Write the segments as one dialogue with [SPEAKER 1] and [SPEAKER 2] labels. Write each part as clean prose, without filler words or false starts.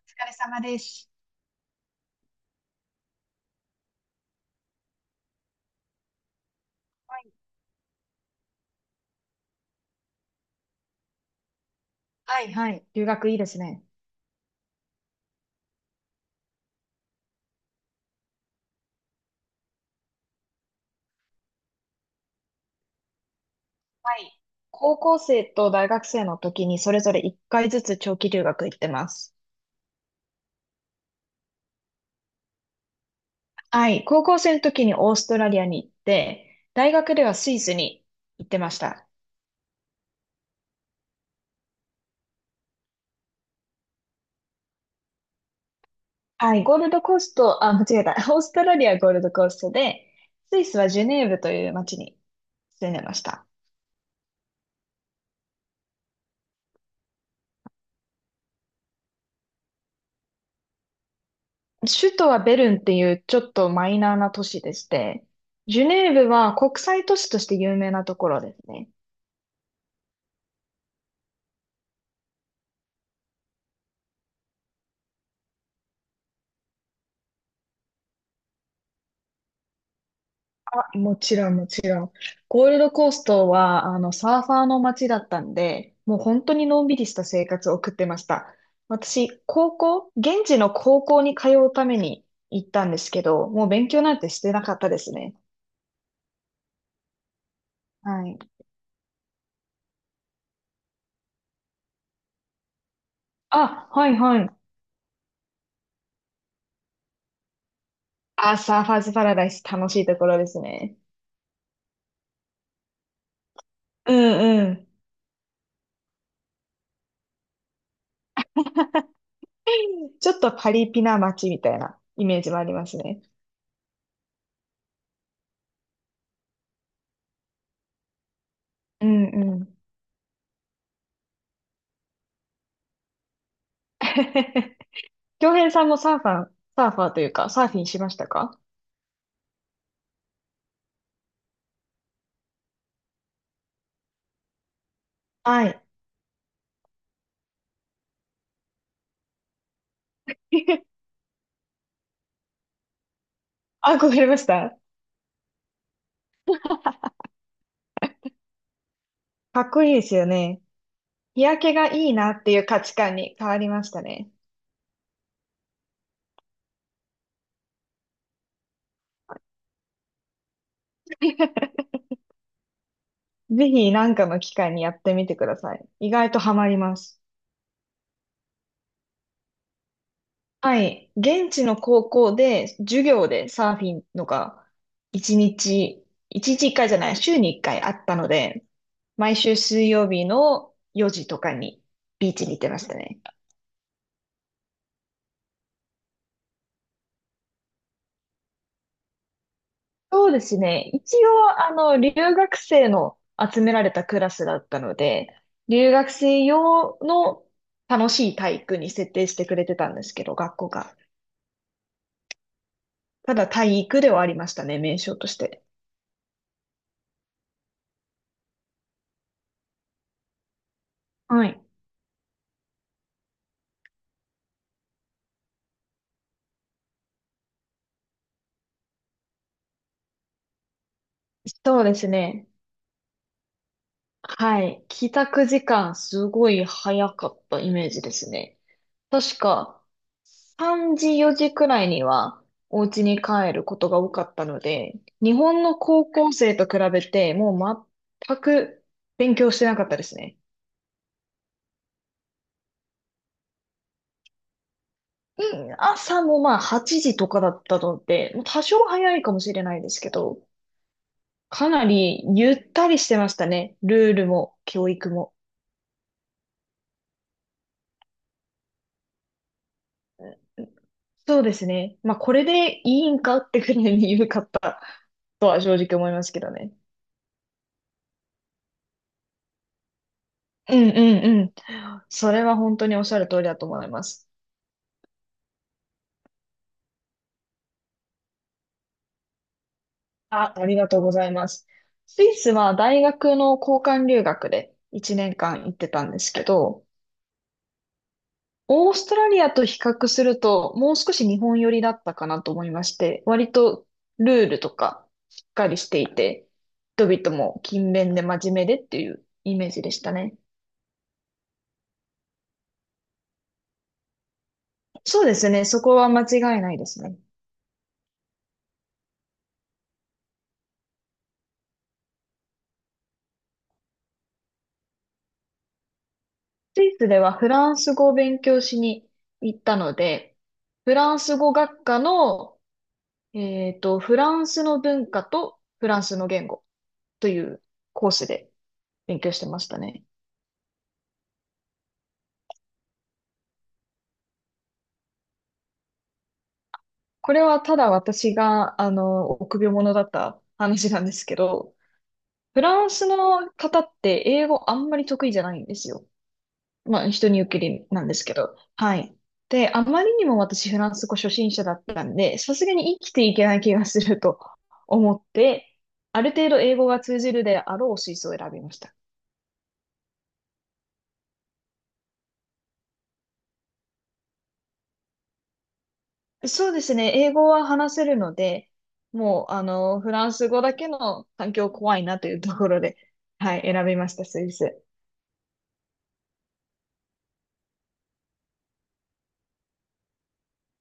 [SPEAKER 1] お疲れ様です。はいはい。留学いいですね。はい。高校生と大学生の時にそれぞれ1回ずつ長期留学行ってます。はい。高校生の時にオーストラリアに行って、大学ではスイスに行ってました。はい。ゴールドコースト、あ、間違えた。オーストラリアはゴールドコーストで、スイスはジュネーブという町に住んでました。首都はベルンっていうちょっとマイナーな都市でして、ジュネーブは国際都市として有名なところですね。もちろん、もちろん。ゴールドコーストは、サーファーの街だったんで、もう本当にのんびりした生活を送ってました。私、高校、現地の高校に通うために行ったんですけど、もう勉強なんてしてなかったですね。はい。あ、はいはい。あ、サーファーズパラダイス楽しいところですね。うんうん。ちょっとパリピな街みたいなイメージもありますね。うんうん。京平さんもサーファーというか、サーフィンしましたか？はい。憧れましたかっこいいですよね。日焼けがいいなっていう価値観に変わりましたね。ぜひ何かの機会にやってみてください。意外とハマります。はい。現地の高校で授業でサーフィンのが一日、一回じゃない、週に一回あったので、毎週水曜日の4時とかにビーチに行ってましたね。そうですね。一応、留学生の集められたクラスだったので、留学生用の楽しい体育に設定してくれてたんですけど、学校が。ただ体育ではありましたね、名称として。はい。そうですね。はい。帰宅時間、すごい早かったイメージですね。確か、3時4時くらいにはお家に帰ることが多かったので、日本の高校生と比べてもう全く勉強してなかったですね。うん、朝もまあ8時とかだったので、もう多少早いかもしれないですけど、かなりゆったりしてましたね。ルールも教育も。そうですね。まあこれでいいんかってくらいに緩かったとは正直思いますけどね。うんうんうん。それは本当におっしゃる通りだと思います。あ、ありがとうございます。スイスは大学の交換留学で1年間行ってたんですけど、オーストラリアと比較するともう少し日本寄りだったかなと思いまして、割とルールとかしっかりしていて、人々も勤勉で真面目でっていうイメージでしたね。そうですね、そこは間違いないですね。スイスではフランス語を勉強しに行ったので、フランス語学科のフランスの文化とフランスの言語というコースで勉強してましたね。これはただ私が、臆病者だった話なんですけど、フランスの方って英語あんまり得意じゃないんですよ。まあ、人に受けりなんですけど。はい。で、あまりにも私フランス語初心者だったんで、さすがに生きていけない気がすると思って、ある程度英語が通じるであろう水素を選びました。そうですね。英語は話せるので、もう、フランス語だけの環境怖いなというところで、はい、選びました、スイス。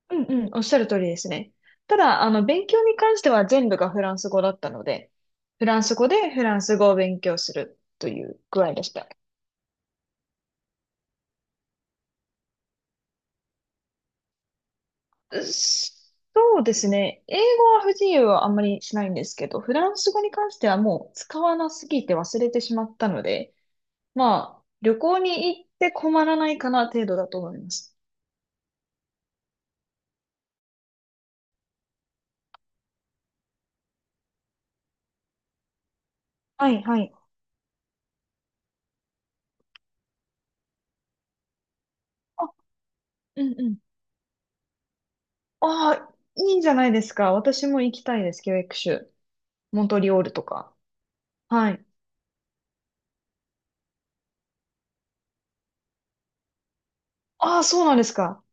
[SPEAKER 1] うんうん、おっしゃる通りですね。ただ、勉強に関しては全部がフランス語だったので、フランス語でフランス語を勉強するという具合でした。そうですね。英語は不自由はあんまりしないんですけど、フランス語に関してはもう使わなすぎて忘れてしまったので、まあ、旅行に行って困らないかな程度だと思います。はい、はい。あ、うんうん。ああ、いいんじゃないですか。私も行きたいです。教ク州。モントリオールとか。はい。ああ、そうなんですか。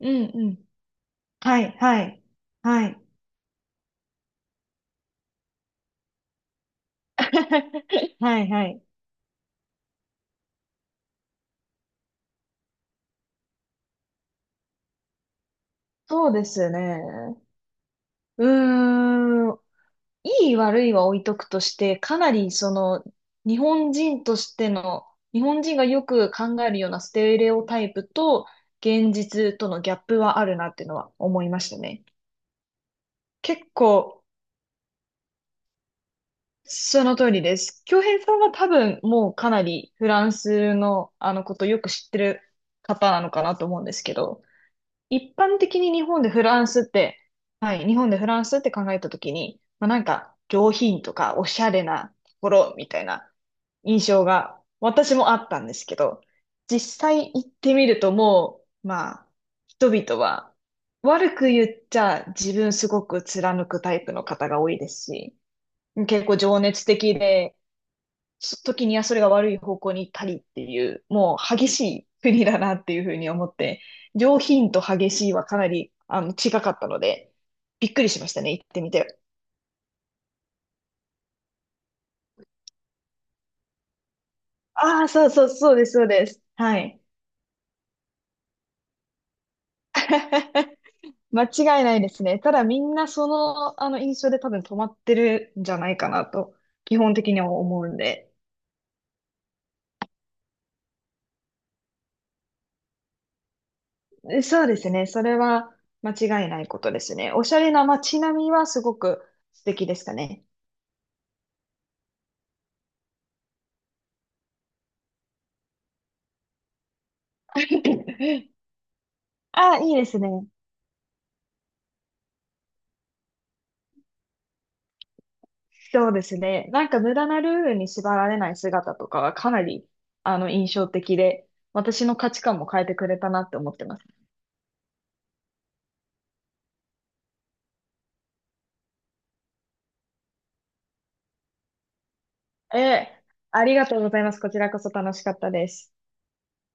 [SPEAKER 1] うんうん。はい、はい。はい、はい、はい。そうですね。うーん。いい悪いは置いとくとして、かなりその日本人としての、日本人がよく考えるようなステレオタイプと現実とのギャップはあるなっていうのは思いましたね。結構その通りです。京平さんは多分もうかなりフランスのことよく知ってる方なのかなと思うんですけど、一般的に日本でフランスって、はい、日本でフランスって考えたときに、まあ、なんか上品とかおしゃれなところみたいな印象が私もあったんですけど、実際行ってみるともう、まあ、人々は悪く言っちゃ自分すごく貫くタイプの方が多いですし、結構情熱的で、そ時にはそれが悪い方向に行ったりっていう、もう激しい国だなっていうふうに思って、上品と激しいはかなり近かったので、びっくりしましたね、行ってみて。ああ、そうそう、そうです、そうです。はい。間違いないですね。ただみんなその、あの印象で多分止まってるんじゃないかなと、基本的には思うんで。そうですね。それは間違いないことですね。おしゃれな街並みはすごく素敵でしたね。あ、いいですね。そうですね。なんか無駄なルールに縛られない姿とかはかなり、印象的で、私の価値観も変えてくれたなって思ってます。ええ、ありがとうございます。こちらこそ楽しかったです。